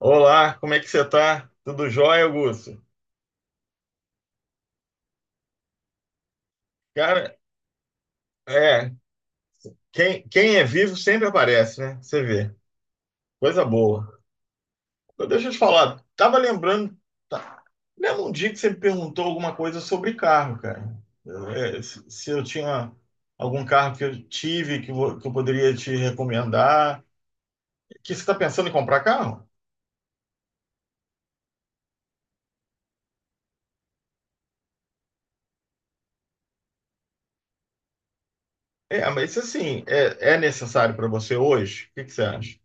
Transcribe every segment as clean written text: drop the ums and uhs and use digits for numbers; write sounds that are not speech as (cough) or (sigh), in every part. Olá, como é que você tá? Tudo jóia, Augusto? Cara, é, quem é vivo sempre aparece, né? Você vê, coisa boa. Mas deixa eu te falar, tava lembrando, tá, lembra um dia que você me perguntou alguma coisa sobre carro, cara? É, se eu tinha algum carro que eu tive que, que eu poderia te recomendar. Que você está pensando em comprar carro? É, mas isso assim, é necessário para você hoje? O que que você acha?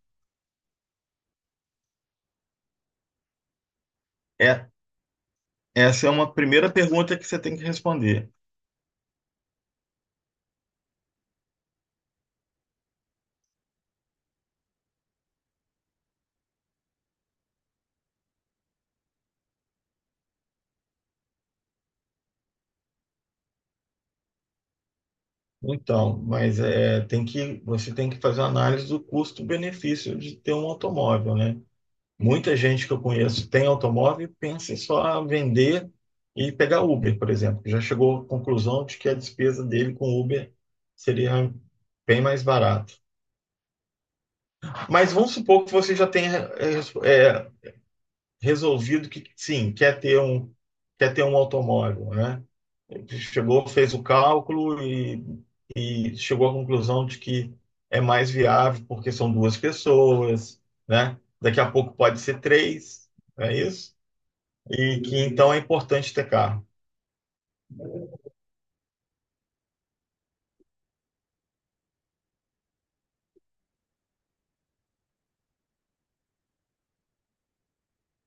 É, essa é uma primeira pergunta que você tem que responder. Então, mas é, tem que, você tem que fazer uma análise do custo-benefício de ter um automóvel, né? Muita gente que eu conheço tem automóvel e pensa em só vender e pegar Uber, por exemplo. Já chegou à conclusão de que a despesa dele com Uber seria bem mais barata. Mas vamos supor que você já tenha é, é, resolvido que sim, quer ter um automóvel, né? Chegou, fez o cálculo e chegou à conclusão de que é mais viável porque são duas pessoas, né? Daqui a pouco pode ser três, não é isso? E que então é importante ter carro.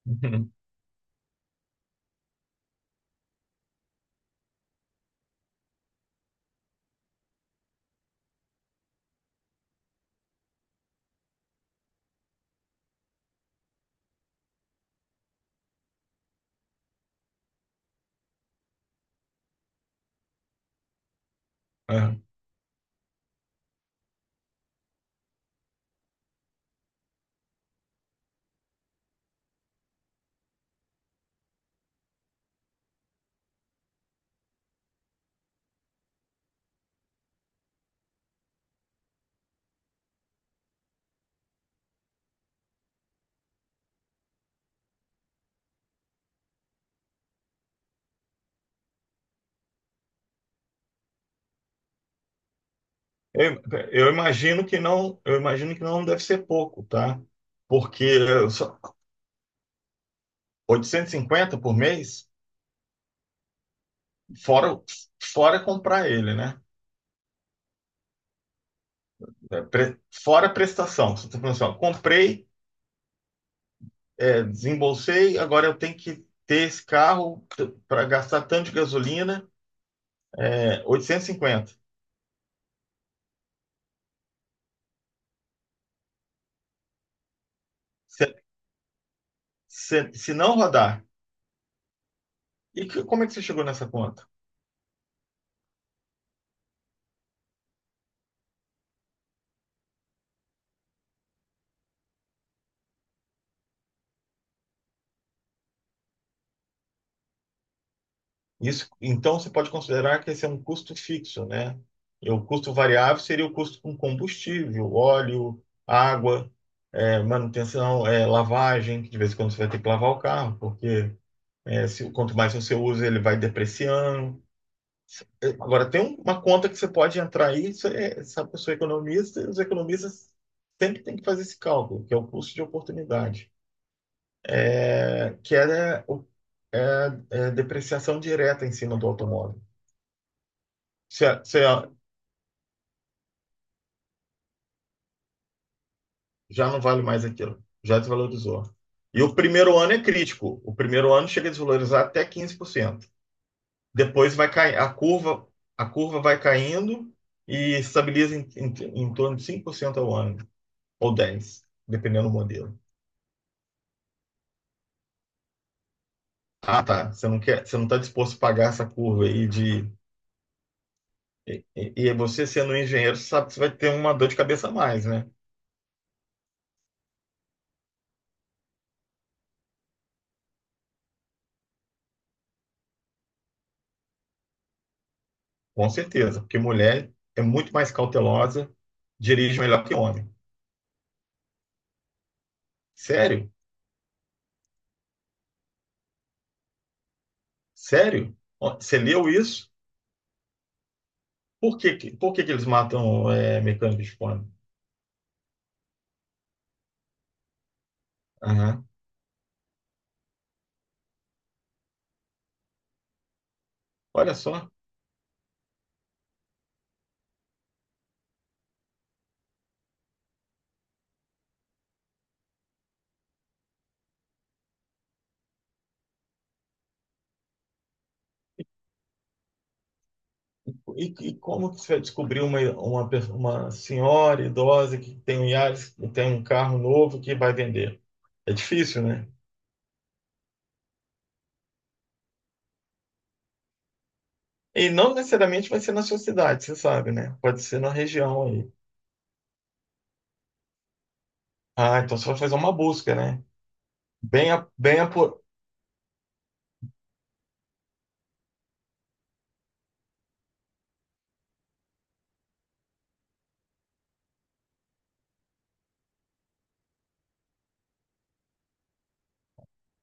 (laughs) É. Eu, eu imagino que não, eu imagino que não deve ser pouco, tá? Porque só 850 por mês, fora, fora comprar ele, né? Fora prestação. Você está falando assim, ó, comprei desembolsei, agora eu tenho que ter esse carro para gastar tanto de gasolina, é, 850. Se, se não rodar, e que, como é que você chegou nessa conta? Isso, então você pode considerar que esse é um custo fixo, né? E o custo variável seria o custo com combustível, óleo, água, é, manutenção, é, lavagem, que de vez em quando você vai ter que lavar o carro, porque é, se, quanto mais você usa, ele vai depreciando. Agora, tem uma conta que você pode entrar aí, isso é, sabe que eu sou economista, e os economistas sempre têm que fazer esse cálculo, que é o custo de oportunidade, é, que é, é- é depreciação direta em cima do automóvel. Você já não vale mais aquilo, já desvalorizou. E o primeiro ano é crítico. O primeiro ano chega a desvalorizar até 15%. Depois vai cair, a curva vai caindo e estabiliza em, em torno de 5% ao ano, ou 10%, dependendo do modelo. Ah, tá. Você não quer, você não está disposto a pagar essa curva aí de. E você sendo um engenheiro, você sabe que você vai ter uma dor de cabeça a mais, né? Com certeza, porque mulher é muito mais cautelosa, dirige melhor que homem. Sério? Sério? Ó, você leu isso? Por que, por que que eles matam é, mecânico de fome? Aham. Olha só. E como que você vai descobrir uma, uma senhora idosa que tem um Yaris, que tem um carro novo que vai vender? É difícil, né? E não necessariamente vai ser na sua cidade, você sabe, né? Pode ser na região aí. Ah, então você vai fazer uma busca, né? Bem, a, bem a, por-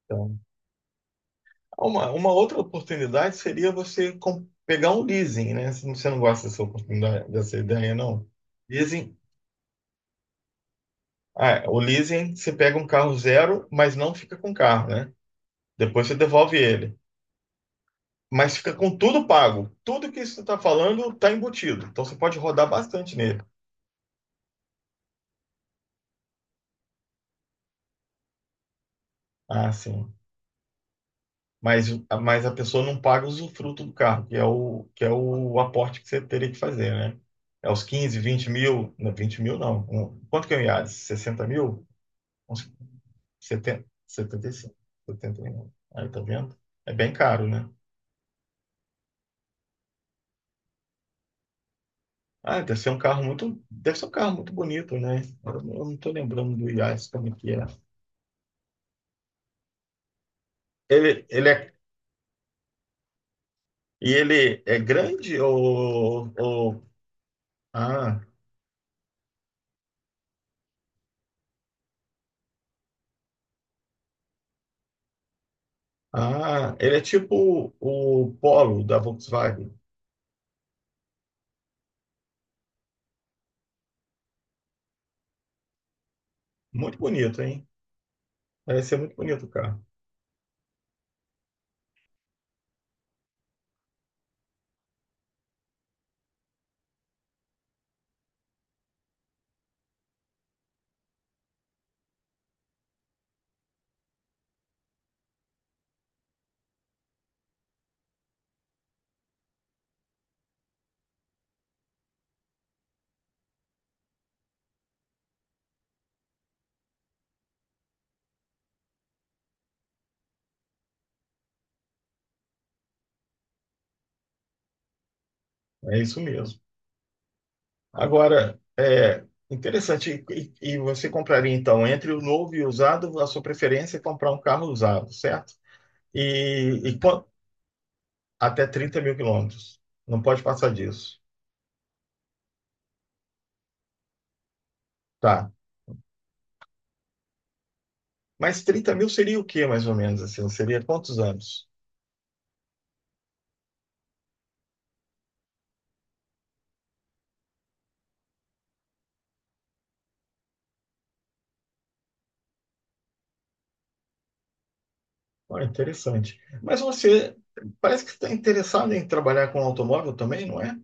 então, uma outra oportunidade seria você pegar um leasing, né? Se você não gosta dessa oportunidade, dessa ideia, não? Leasing. Ah, o leasing, você pega um carro zero, mas não fica com o carro, né? Depois você devolve ele. Mas fica com tudo pago. Tudo que você está falando está embutido. Então você pode rodar bastante nele. Ah, sim. mas, mas a pessoa não paga o usufruto do carro, que é o aporte que você teria que fazer, né? É os 15, 20 mil, não, 20 mil não. Quanto que é o IAD? 60 mil? Uns 70, 75, 71. Aí tá vendo? É bem caro, né? Ah, deve ser um carro muito, deve ser um carro muito bonito, né? Eu não tô lembrando do IAS como é que é. Ele, ele é, e ele é grande ou, ah, ah, ele é tipo o Polo da Volkswagen. Muito bonito, hein? Parece ser muito bonito o carro. É isso mesmo. Agora, é interessante. E você compraria, então, entre o novo e o usado, a sua preferência é comprar um carro usado, certo? E, até 30 mil quilômetros. Não pode passar disso. Tá. Mas 30 mil seria o quê, mais ou menos? Assim? Seria quantos anos? Olha, interessante. Mas você parece que está interessado em trabalhar com automóvel também, não é?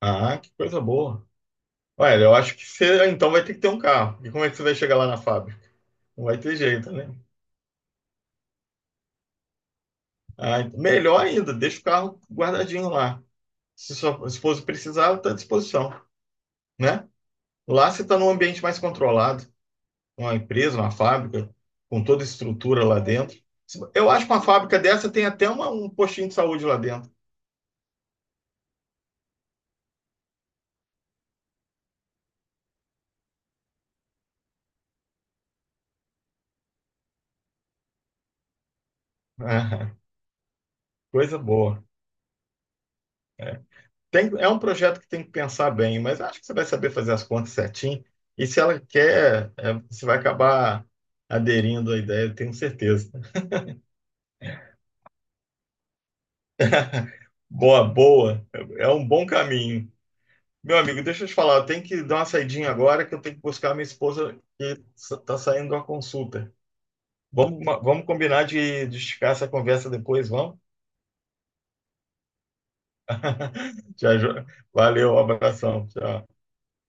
Ah, que coisa boa. Olha, eu acho que então vai ter que ter um carro. E como é que você vai chegar lá na fábrica? Não vai ter jeito, né? Ah, melhor ainda, deixa o carro guardadinho lá. Se sua esposa precisar, está à disposição, né? Lá você está num ambiente mais controlado, uma empresa, uma fábrica, com toda a estrutura lá dentro. Eu acho que uma fábrica dessa tem até um postinho de saúde lá dentro. (laughs) Coisa boa. Tem, é um projeto que tem que pensar bem, mas acho que você vai saber fazer as contas certinho. E se ela quer, é, você vai acabar aderindo à ideia, eu tenho certeza. Boa, boa. É um bom caminho. Meu amigo, deixa eu te falar, eu tenho que dar uma saidinha agora, que eu tenho que buscar minha esposa, tá saindo de uma consulta. Vamos, vamos combinar de esticar essa conversa depois, vamos? Te aju- Valeu, um abração. Tchau.